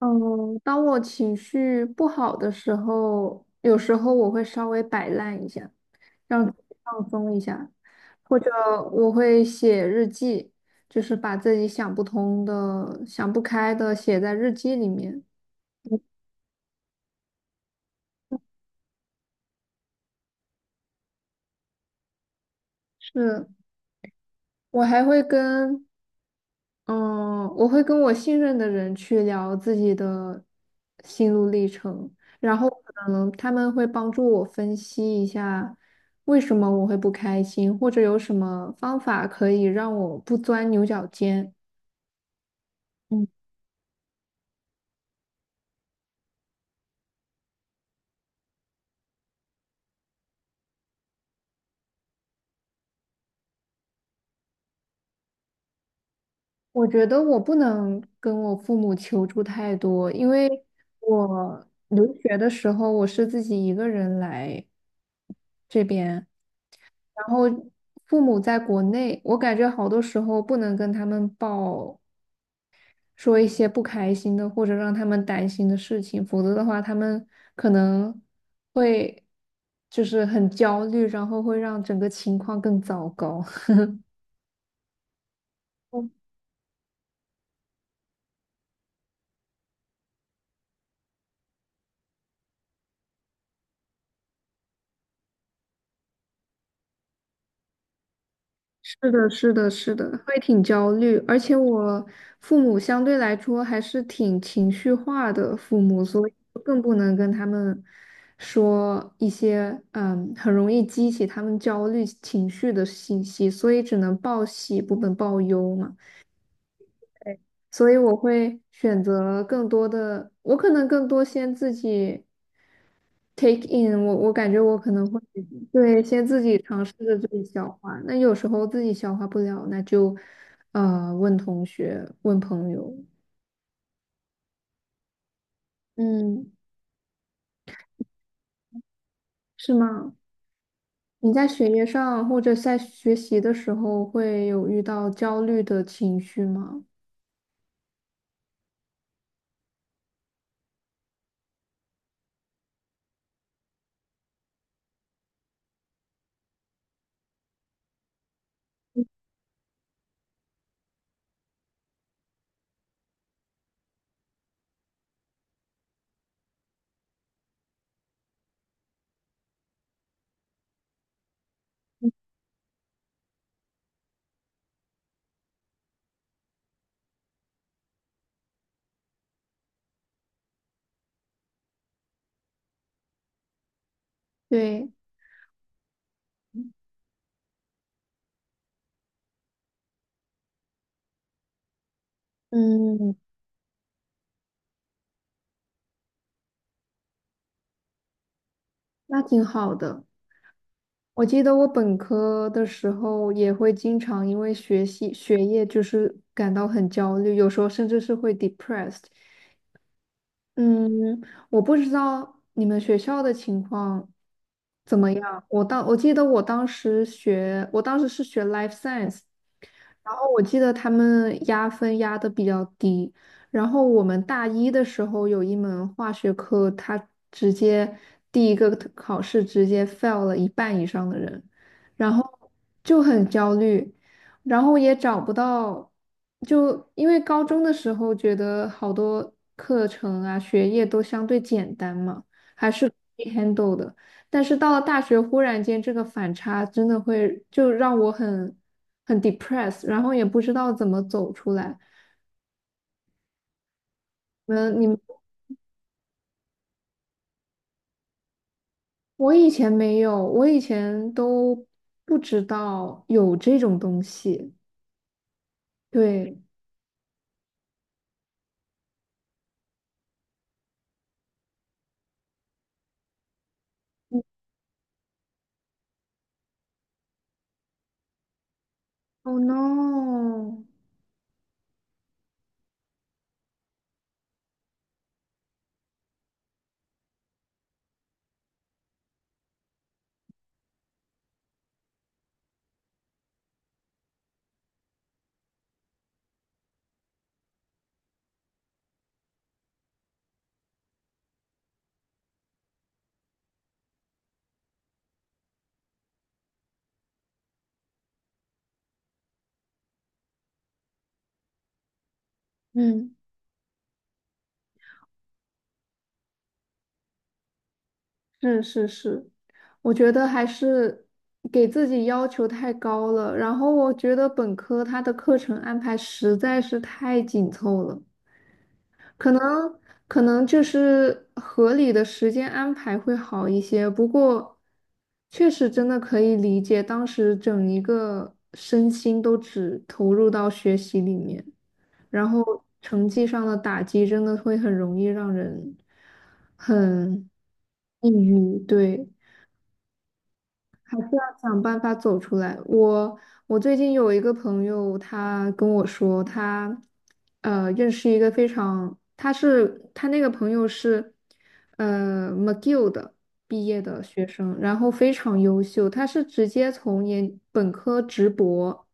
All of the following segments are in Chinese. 嗯，当我情绪不好的时候，有时候我会稍微摆烂一下，让自己放松一下，或者我会写日记，就是把自己想不通的、想不开的写在日记里面。是，我还会跟嗯，我会跟我信任的人去聊自己的心路历程，然后可能他们会帮助我分析一下为什么我会不开心，或者有什么方法可以让我不钻牛角尖。嗯。我觉得我不能跟我父母求助太多，因为我留学的时候我是自己一个人来这边，然后父母在国内，我感觉好多时候不能跟他们说一些不开心的或者让他们担心的事情，否则的话他们可能会就是很焦虑，然后会让整个情况更糟糕。是的，是的，是的，会挺焦虑，而且我父母相对来说还是挺情绪化的父母，所以更不能跟他们说一些很容易激起他们焦虑情绪的信息，所以只能报喜不能报忧嘛。所以我会选择更多的，我可能更多先自己。take in,我感觉我可能会对先自己尝试着自己消化，那有时候自己消化不了，那就问同学、问朋友，嗯，是吗？你在学业上或者在学习的时候会有遇到焦虑的情绪吗？对，嗯，那挺好的。我记得我本科的时候也会经常因为学习学业就是感到很焦虑，有时候甚至是会 depressed。嗯，我不知道你们学校的情况怎么样。我当我记得我当时学，我当时是学 life science,然后我记得他们压分压的比较低，然后我们大一的时候有一门化学课，他直接第一个考试直接 fail 了一半以上的人，然后就很焦虑，然后也找不到，就因为高中的时候觉得好多课程啊学业都相对简单嘛，还是可以 handle 的。但是到了大学，忽然间这个反差真的会就让我很depressed,然后也不知道怎么走出来。嗯，你们我以前没有，我以前都不知道有这种东西。对 o h no,嗯，是是是，我觉得还是给自己要求太高了。然后我觉得本科它的课程安排实在是太紧凑了。可能可能就是合理的时间安排会好一些，不过确实真的可以理解，当时整一个身心都只投入到学习里面，然后成绩上的打击真的会很容易让人很抑郁，对，还是要想办法走出来。我最近有一个朋友，他跟我说，他认识一个非常，他那个朋友是McGill 的毕业的学生，然后非常优秀，他是直接从研本科直博。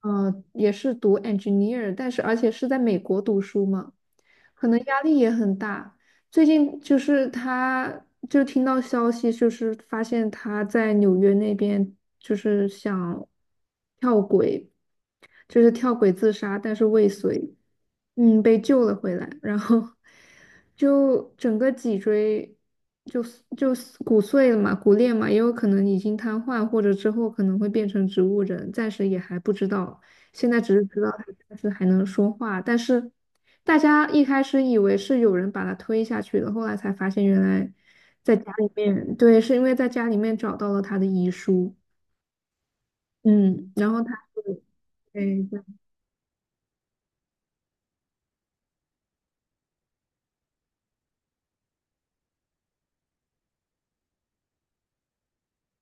也是读 engineer,但是而且是在美国读书嘛，可能压力也很大。最近就是他，就听到消息，就是发现他在纽约那边就是想跳轨，就是跳轨自杀，但是未遂，被救了回来，然后就整个脊椎就就骨碎了嘛、骨裂嘛，也有可能已经瘫痪，或者之后可能会变成植物人，暂时也还不知道，现在只是知道他暂时还能说话，但是大家一开始以为是有人把他推下去的，后来才发现原来在家里面，对，是因为在家里面找到了他的遗书，嗯，然后他是。对，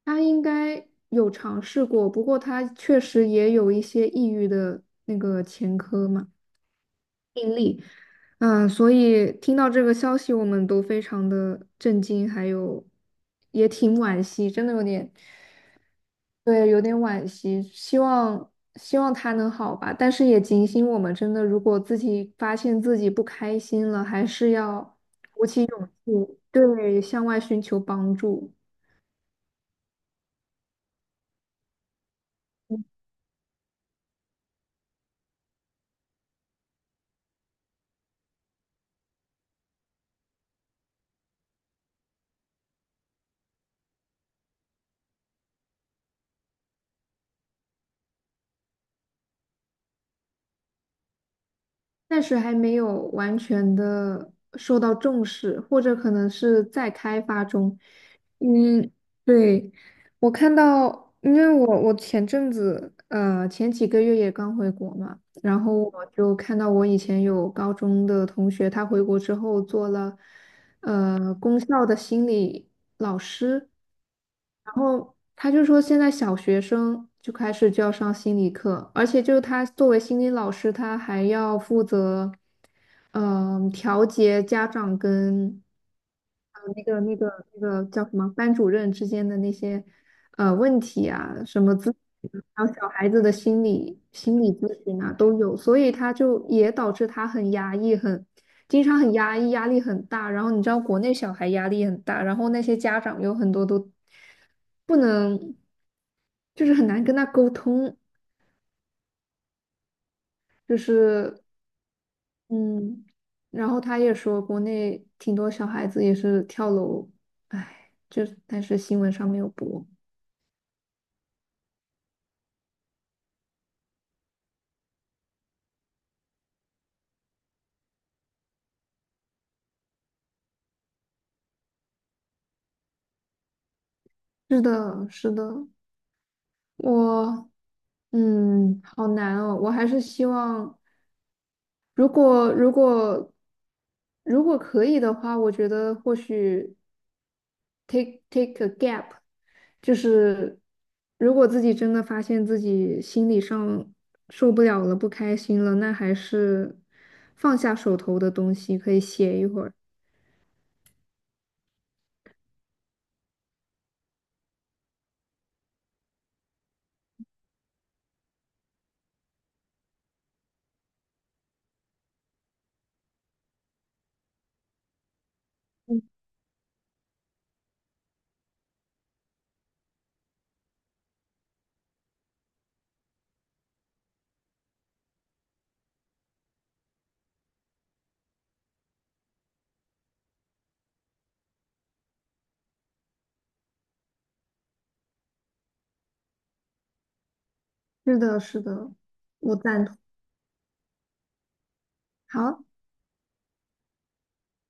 他应该有尝试过，不过他确实也有一些抑郁的那个前科嘛，病例。所以听到这个消息，我们都非常的震惊，还有也挺惋惜，真的有点，对，有点惋惜。希望他能好吧，但是也警醒我们，真的，如果自己发现自己不开心了，还是要，嗯，对，向外寻求帮助。暂时还没有完全的受到重视，或者可能是在开发中。嗯，对，我看到，因为我前阵子，前几个月也刚回国嘛，然后我就看到我以前有高中的同学，他回国之后做了，功效的心理老师，然后他就说现在小学生就开始就要上心理课，而且就是他作为心理老师，他还要负责，调节家长跟叫什么班主任之间的那些。问题啊，什么咨询，还有小孩子的心理咨询啊都有，所以他就也导致他很压抑，很经常很压抑，压力很大。然后你知道国内小孩压力很大，然后那些家长有很多都不能，就是很难跟他沟通，就是嗯，然后他也说国内挺多小孩子也是跳楼，唉，但是新闻上没有播。是的，是的。我，好难哦。我还是希望，如果如果如果可以的话，我觉得或许 take a gap,就是如果自己真的发现自己心理上受不了了，不开心了，那还是放下手头的东西，可以写一会儿。是的，是的，我赞同。好。